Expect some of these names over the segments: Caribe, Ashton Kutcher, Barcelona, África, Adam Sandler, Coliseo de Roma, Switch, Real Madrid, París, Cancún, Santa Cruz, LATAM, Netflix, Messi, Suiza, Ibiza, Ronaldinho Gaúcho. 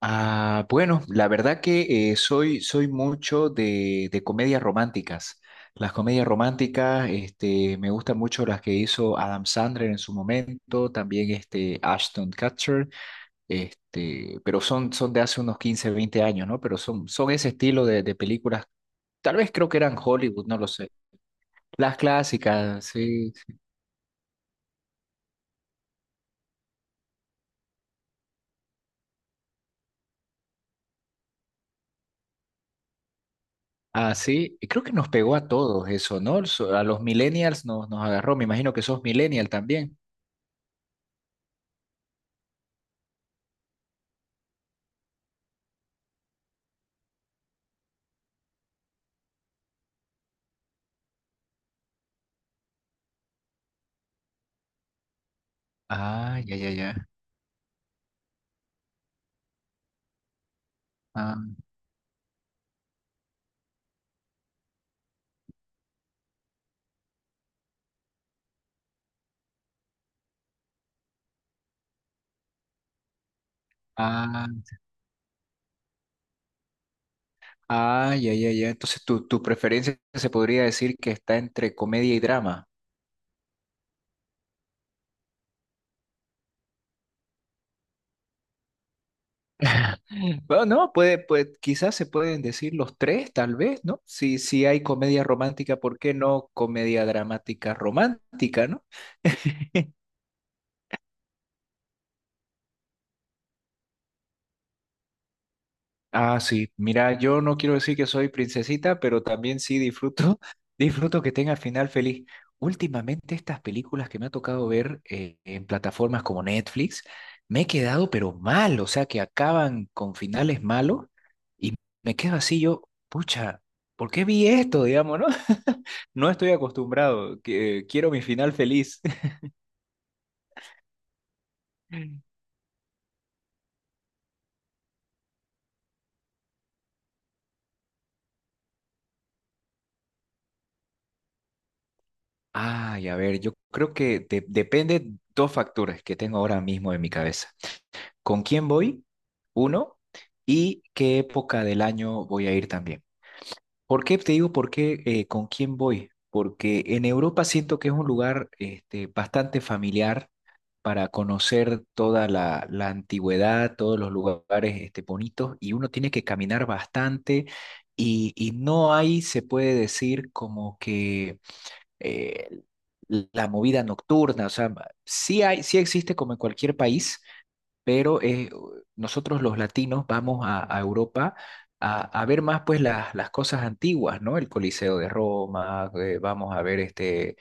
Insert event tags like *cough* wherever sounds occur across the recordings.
Ah, bueno, la verdad que soy mucho de comedias románticas. Las comedias románticas, este, me gustan mucho las que hizo Adam Sandler en su momento, también este, Ashton Kutcher, este, pero son de hace unos 15 20 años, ¿no? Pero son ese estilo de películas. Tal vez creo que eran Hollywood, no lo sé. Las clásicas, sí. Ah, sí. Y creo que nos pegó a todos eso, ¿no? A los millennials nos agarró. Me imagino que sos millennial también. Ah, ya, ya, ya. Ah, ah, ah, ya, ya, ya. Entonces tu preferencia se podría decir que está entre comedia y drama. *laughs* Bueno, no, puede, pues quizás se pueden decir los tres, tal vez, ¿no? Si hay comedia romántica, ¿por qué no comedia dramática romántica, ¿no? *laughs* Ah, sí. Mira, yo no quiero decir que soy princesita, pero también sí disfruto, *laughs* disfruto que tenga final feliz. Últimamente estas películas que me ha tocado ver en plataformas como Netflix, me he quedado pero mal, o sea, que acaban con finales malos y me quedo así yo, pucha, ¿por qué vi esto, digamos, no? *laughs* No estoy acostumbrado, quiero mi final feliz. *laughs* Ay, a ver, yo creo que depende dos factores que tengo ahora mismo en mi cabeza. ¿Con quién voy? Uno. ¿Y qué época del año voy a ir también? ¿Por qué te digo por qué con quién voy? Porque en Europa siento que es un lugar este, bastante familiar para conocer toda la antigüedad, todos los lugares este, bonitos y uno tiene que caminar bastante y no hay, se puede decir, como que eh, la movida nocturna, o sea, sí hay, sí existe como en cualquier país, pero nosotros los latinos vamos a Europa a ver más pues las cosas antiguas, ¿no? El Coliseo de Roma, vamos a ver este...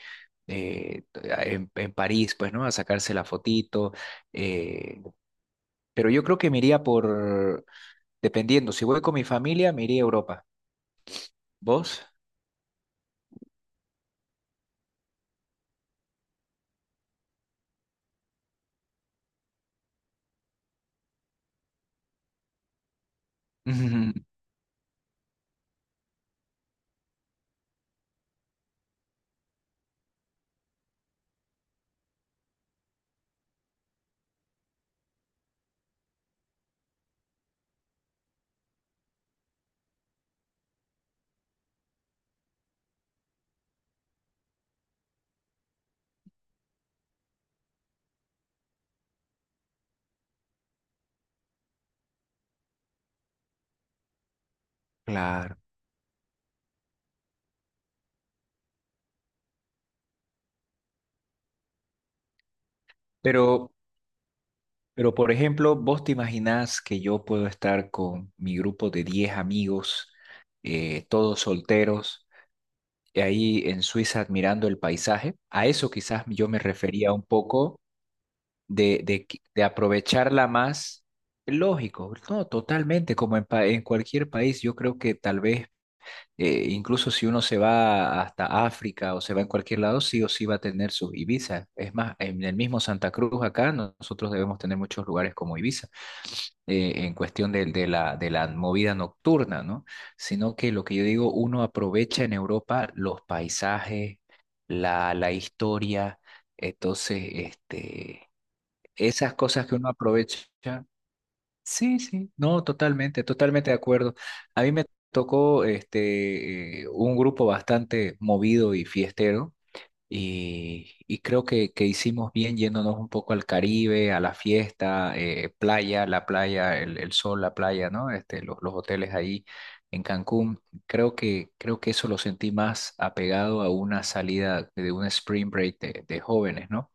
en París, pues, ¿no? A sacarse la fotito. eh, pero yo creo que me iría por, dependiendo, si voy con mi familia, me iría a Europa. ¿Vos? *laughs* Claro. Pero Pero, por ejemplo, vos te imaginás que yo puedo estar con mi grupo de 10 amigos, todos solteros, y ahí en Suiza admirando el paisaje. A eso quizás yo me refería un poco de aprovecharla más. Lógico, no, totalmente, como en, en cualquier país, yo creo que tal vez incluso si uno se va hasta África o se va en cualquier lado, sí o sí va a tener sus Ibiza. Es más, en el mismo Santa Cruz acá nosotros debemos tener muchos lugares como Ibiza, en cuestión de la movida nocturna, ¿no? Sino que lo que yo digo, uno aprovecha en Europa los paisajes, la historia, entonces, este, esas cosas que uno aprovecha. Sí, sí, no, totalmente, totalmente de acuerdo. A mí me tocó este un grupo bastante movido y fiestero y creo que hicimos bien yéndonos un poco al Caribe, a la fiesta, playa, la playa, el sol, la playa, ¿no? Este, los hoteles ahí en Cancún. Creo que eso lo sentí más apegado a una salida de un spring break de jóvenes, ¿no?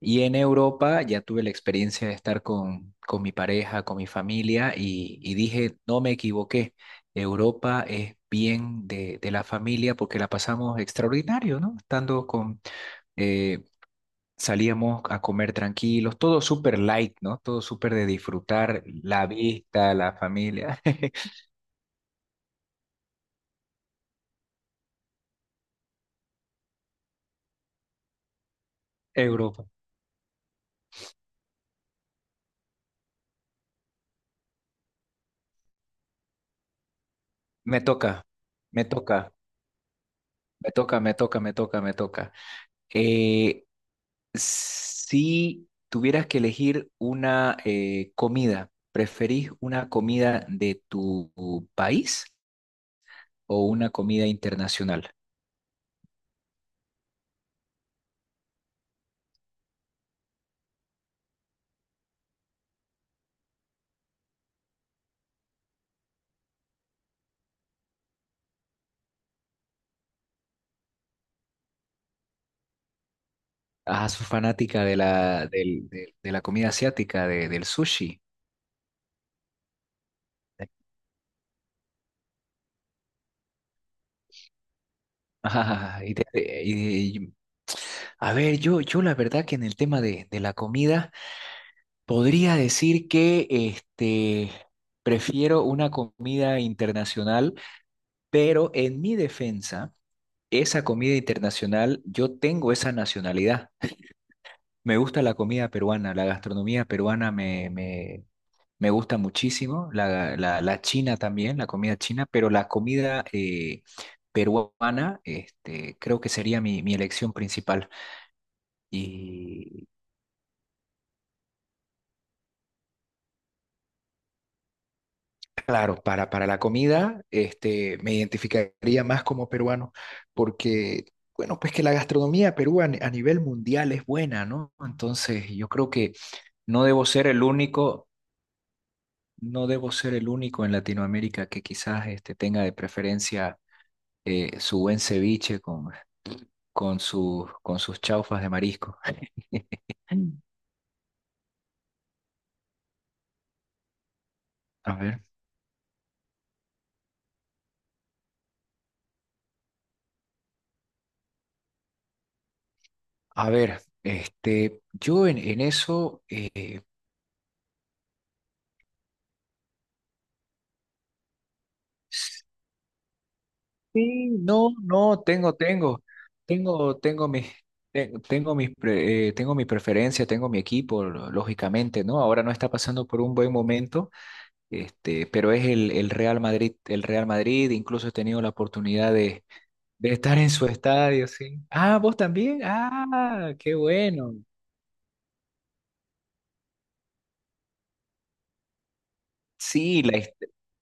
Y en Europa ya tuve la experiencia de estar con mi pareja, con mi familia y dije, no me equivoqué, Europa es bien de la familia porque la pasamos extraordinario, ¿no? Estando con, eh, salíamos a comer tranquilos, todo súper light, ¿no? Todo súper de disfrutar la vista, la familia. *laughs* Europa. Me toca, me toca, me toca, me toca, me toca, me toca. Eh, Si tuvieras que elegir una comida, ¿preferís una comida de tu país o una comida internacional? Ah, sos fanática de de la comida asiática, del sushi. *laughs* Ah, a ver, yo la verdad que en el tema de la comida podría decir que este, prefiero una comida internacional, pero en mi defensa... esa comida internacional, yo tengo esa nacionalidad. Me gusta la comida peruana, la gastronomía peruana me gusta muchísimo, la china también, la comida china, pero la comida peruana este, creo que sería mi elección principal. Y claro, para la comida, este, me identificaría más como peruano, porque, bueno, pues que la gastronomía peruana a ni- a nivel mundial es buena, ¿no? Entonces, yo creo que no debo ser el único, no debo ser el único en Latinoamérica que quizás este, tenga de preferencia su buen ceviche con, con sus chaufas de marisco. Mm. A ver, a ver, este, yo en eso, sí, no, no, tengo mis, tengo mis, tengo mi preferencia, tengo mi equipo, lógicamente, ¿no? Ahora no está pasando por un buen momento, este, pero es el Real Madrid, incluso he tenido la oportunidad de estar en su estadio, sí. Ah, vos también, ah, qué bueno. Sí,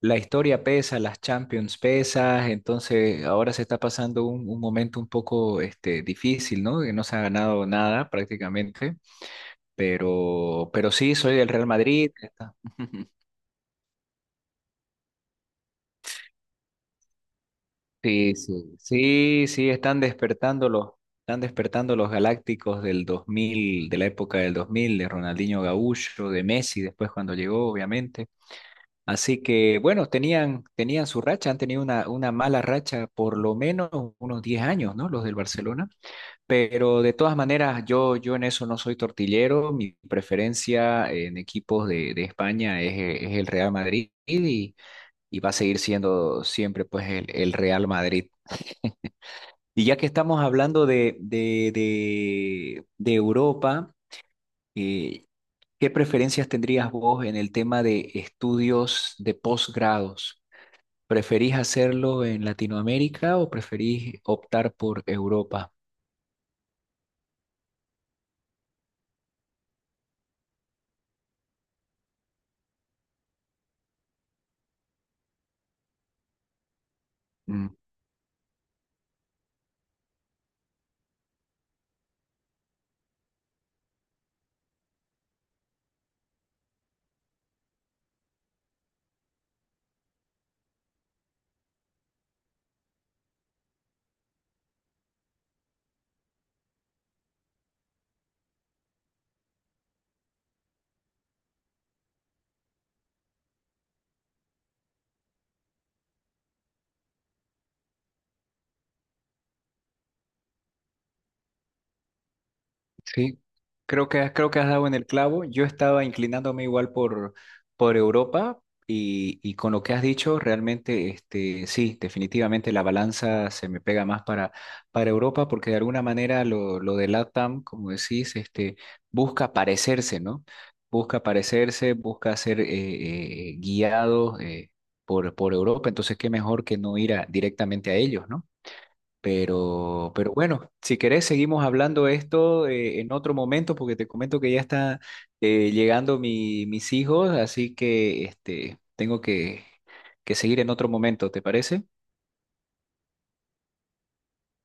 la historia pesa, las Champions pesas, entonces ahora se está pasando un momento un poco este, difícil, ¿no? Que no se ha ganado nada prácticamente, pero sí, soy del Real Madrid. Está- *laughs* Sí, sí, sí, sí, están despertando los galácticos del 2000 de la época del 2000 de Ronaldinho Gaúcho, de Messi, después cuando llegó, obviamente. Así que bueno, tenían, tenían su racha, han tenido una mala racha por lo menos unos 10 años, ¿no? Los del Barcelona. Pero de todas maneras, yo en eso no soy tortillero. Mi preferencia en equipos de España es el Real Madrid y va a seguir siendo siempre pues el Real Madrid. Y ya que estamos hablando de Europa, eh, ¿qué preferencias tendrías vos en el tema de estudios de posgrados? ¿Preferís hacerlo en Latinoamérica o preferís optar por Europa? Mm, sí, creo creo que has dado en el clavo. Yo estaba inclinándome igual por Europa y con lo que has dicho, realmente, este, sí, definitivamente la balanza se me pega más para Europa porque de alguna manera lo de LATAM, como decís, este, busca parecerse, ¿no? Busca parecerse, busca ser guiado por Europa. Entonces, qué mejor que no ir directamente a ellos, ¿no? Pero bueno, si querés, seguimos hablando de esto en otro momento, porque te comento que ya está llegando mis hijos, así que este, tengo que seguir en otro momento, ¿te parece?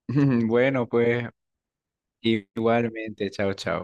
*laughs* Bueno, pues igualmente, chao, chao.